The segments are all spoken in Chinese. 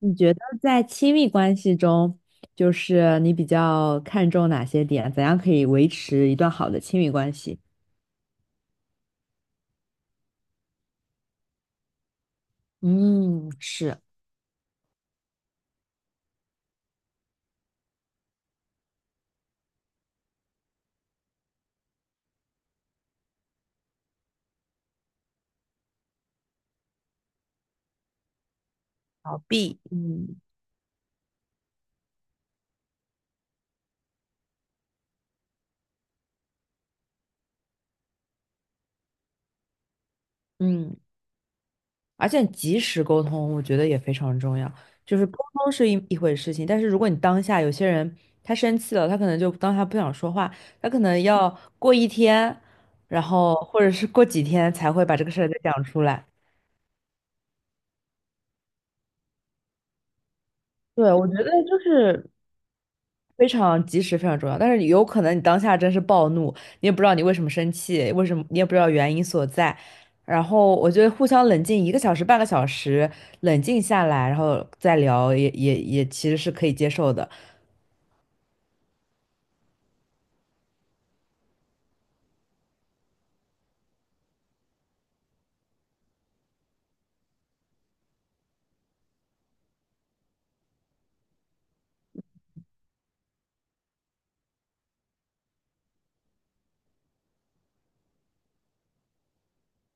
你觉得在亲密关系中，就是你比较看重哪些点？怎样可以维持一段好的亲密关系？嗯，是逃避，嗯嗯，而且及时沟通，我觉得也非常重要。就是沟通是一回事情，但是如果你当下有些人他生气了，他可能就当下不想说话，他可能要过一天，然后或者是过几天才会把这个事儿再讲出来。对，我觉得就是非常及时，非常重要。但是有可能你当下真是暴怒，你也不知道你为什么生气，为什么你也不知道原因所在。然后我觉得互相冷静一个小时、半个小时，冷静下来，然后再聊也其实是可以接受的。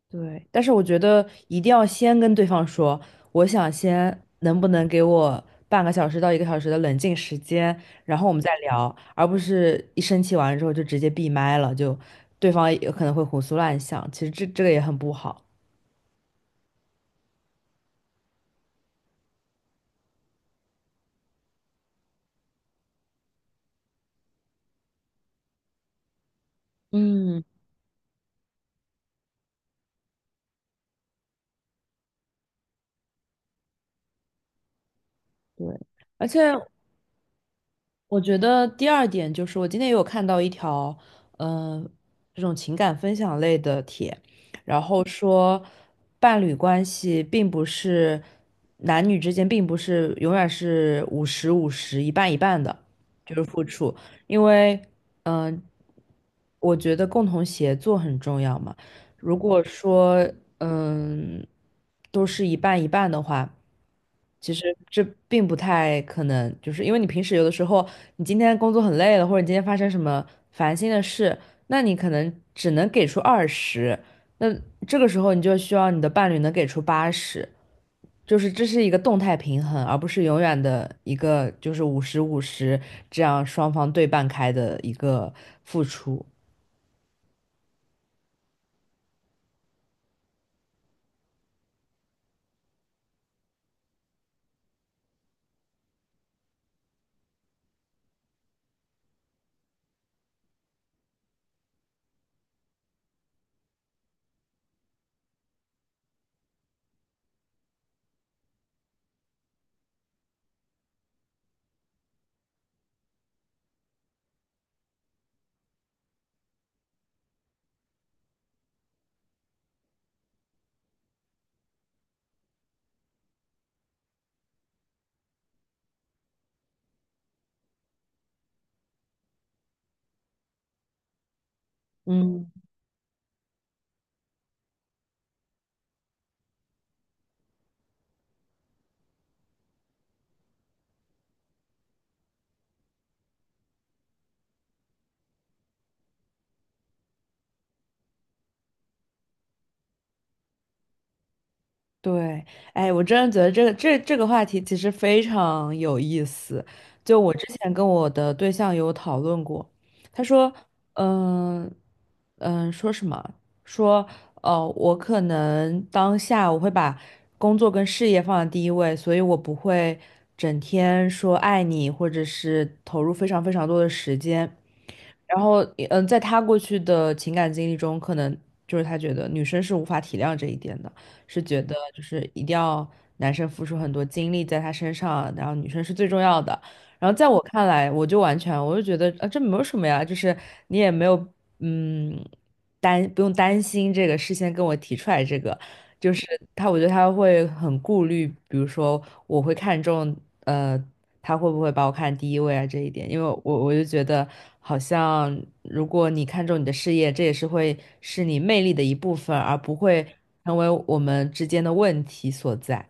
对，但是我觉得一定要先跟对方说，我想先能不能给我半个小时到一个小时的冷静时间，然后我们再聊，而不是一生气完之后就直接闭麦了，就对方也可能会胡思乱想，其实这个也很不好。嗯，对，而且我觉得第二点就是，我今天也有看到一条，嗯、这种情感分享类的帖，然后说伴侣关系并不是男女之间并不是永远是五十五十一半一半的，就是付出，因为嗯、我觉得共同协作很重要嘛。如果说嗯、都是一半一半的话。其实这并不太可能，就是因为你平时有的时候，你今天工作很累了，或者你今天发生什么烦心的事，那你可能只能给出20，那这个时候你就需要你的伴侣能给出80，就是这是一个动态平衡，而不是永远的一个就是五十五十这样双方对半开的一个付出。嗯对，哎，我真的觉得这个这个话题其实非常有意思。就我之前跟我的对象有讨论过，他说，嗯说什么？说，哦，我可能当下我会把工作跟事业放在第一位，所以我不会整天说爱你，或者是投入非常非常多的时间。然后，嗯，在他过去的情感经历中，可能就是他觉得女生是无法体谅这一点的。是觉得就是一定要男生付出很多精力在他身上，然后女生是最重要的。然后在我看来，我就觉得啊，这没有什么呀，就是你也没有嗯不用担心这个，事先跟我提出来这个，就是他，我觉得他会很顾虑，比如说我会看重呃他会不会把我看第一位啊这一点，因为我就觉得好像如果你看重你的事业，这也是会是你魅力的一部分，而不会成为我们之间的问题所在。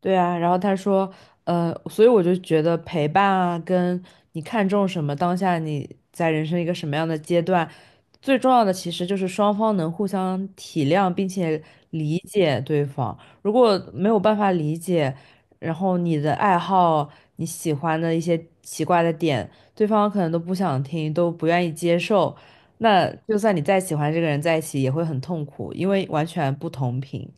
对啊，然后他说，所以我就觉得陪伴啊，跟你看重什么，当下你在人生一个什么样的阶段，最重要的其实就是双方能互相体谅，并且理解对方。如果没有办法理解，然后你的爱好、你喜欢的一些奇怪的点，对方可能都不想听，都不愿意接受，那就算你再喜欢这个人在一起，也会很痛苦，因为完全不同频。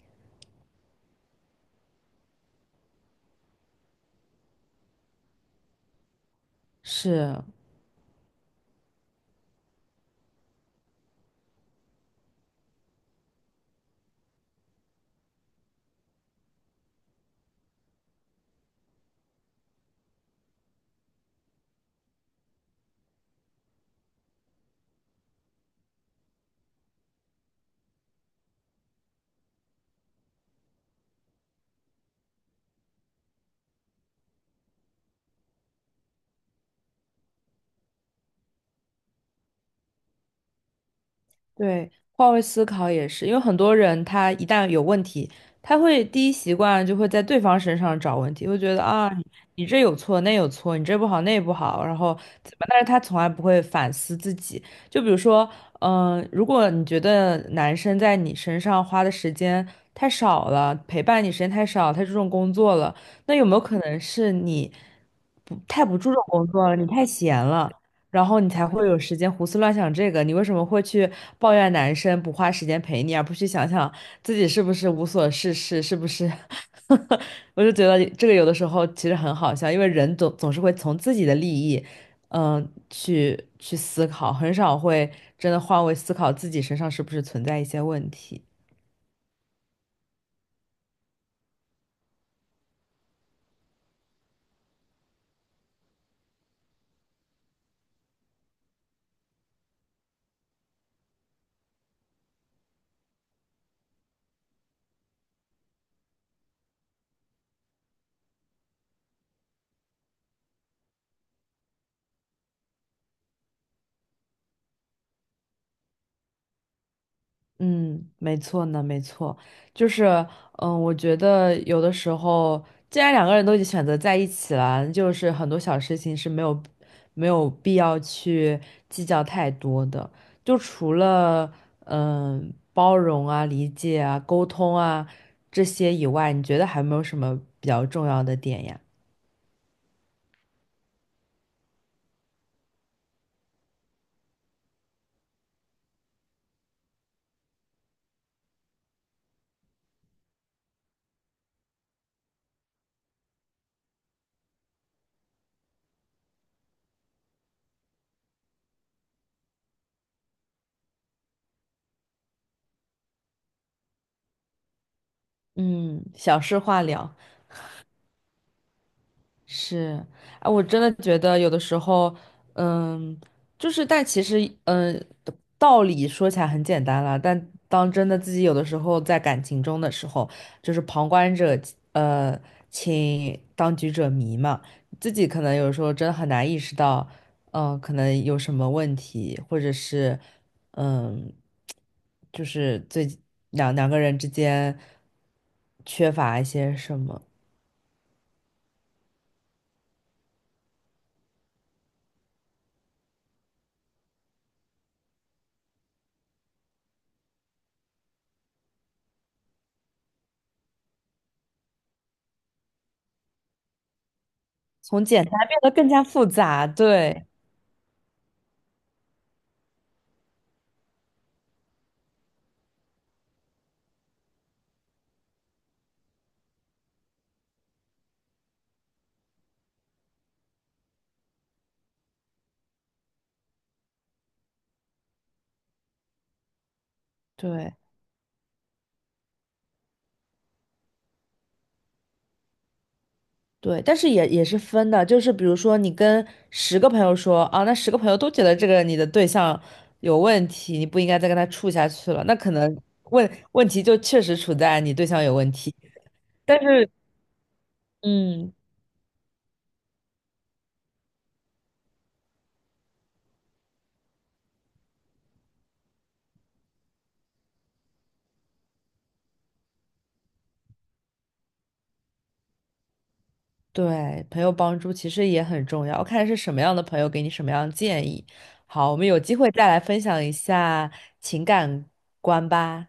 是，对，换位思考也是，因为很多人他一旦有问题，他会第一习惯就会在对方身上找问题，会觉得啊，你这有错，那有错，你这不好，那不好，然后怎么？但是他从来不会反思自己。就比如说，如果你觉得男生在你身上花的时间太少了，陪伴你时间太少，太注重工作了，那有没有可能是你不注重工作了，你太闲了？然后你才会有时间胡思乱想这个。你为什么会去抱怨男生不花时间陪你，而不去想想自己是不是无所事事，是不是？我就觉得这个有的时候其实很好笑，因为人总是会从自己的利益，嗯、去思考，很少会真的换位思考自己身上是不是存在一些问题。嗯，没错呢，没错，就是，嗯，我觉得有的时候，既然两个人都已经选择在一起了，就是很多小事情是没有必要去计较太多的。就除了包容啊、理解啊、沟通啊这些以外，你觉得还有没有什么比较重要的点呀？嗯，小事化了。是，哎，我真的觉得有的时候，嗯，就是，但其实，嗯，道理说起来很简单了，但当真的自己有的时候在感情中的时候，就是旁观者，呃，请当局者迷嘛，自己可能有时候真的很难意识到，嗯，可能有什么问题，或者是，嗯，就是最两个人之间缺乏一些什么，从简单变得更加复杂，对。对对，但是也是分的，就是比如说你跟十个朋友说啊，那十个朋友都觉得这个你的对象有问题，你不应该再跟他处下去了，那可能问题就确实处在你对象有问题。但是，嗯，对，朋友帮助其实也很重要，看是什么样的朋友给你什么样的建议。好，我们有机会再来分享一下情感观吧。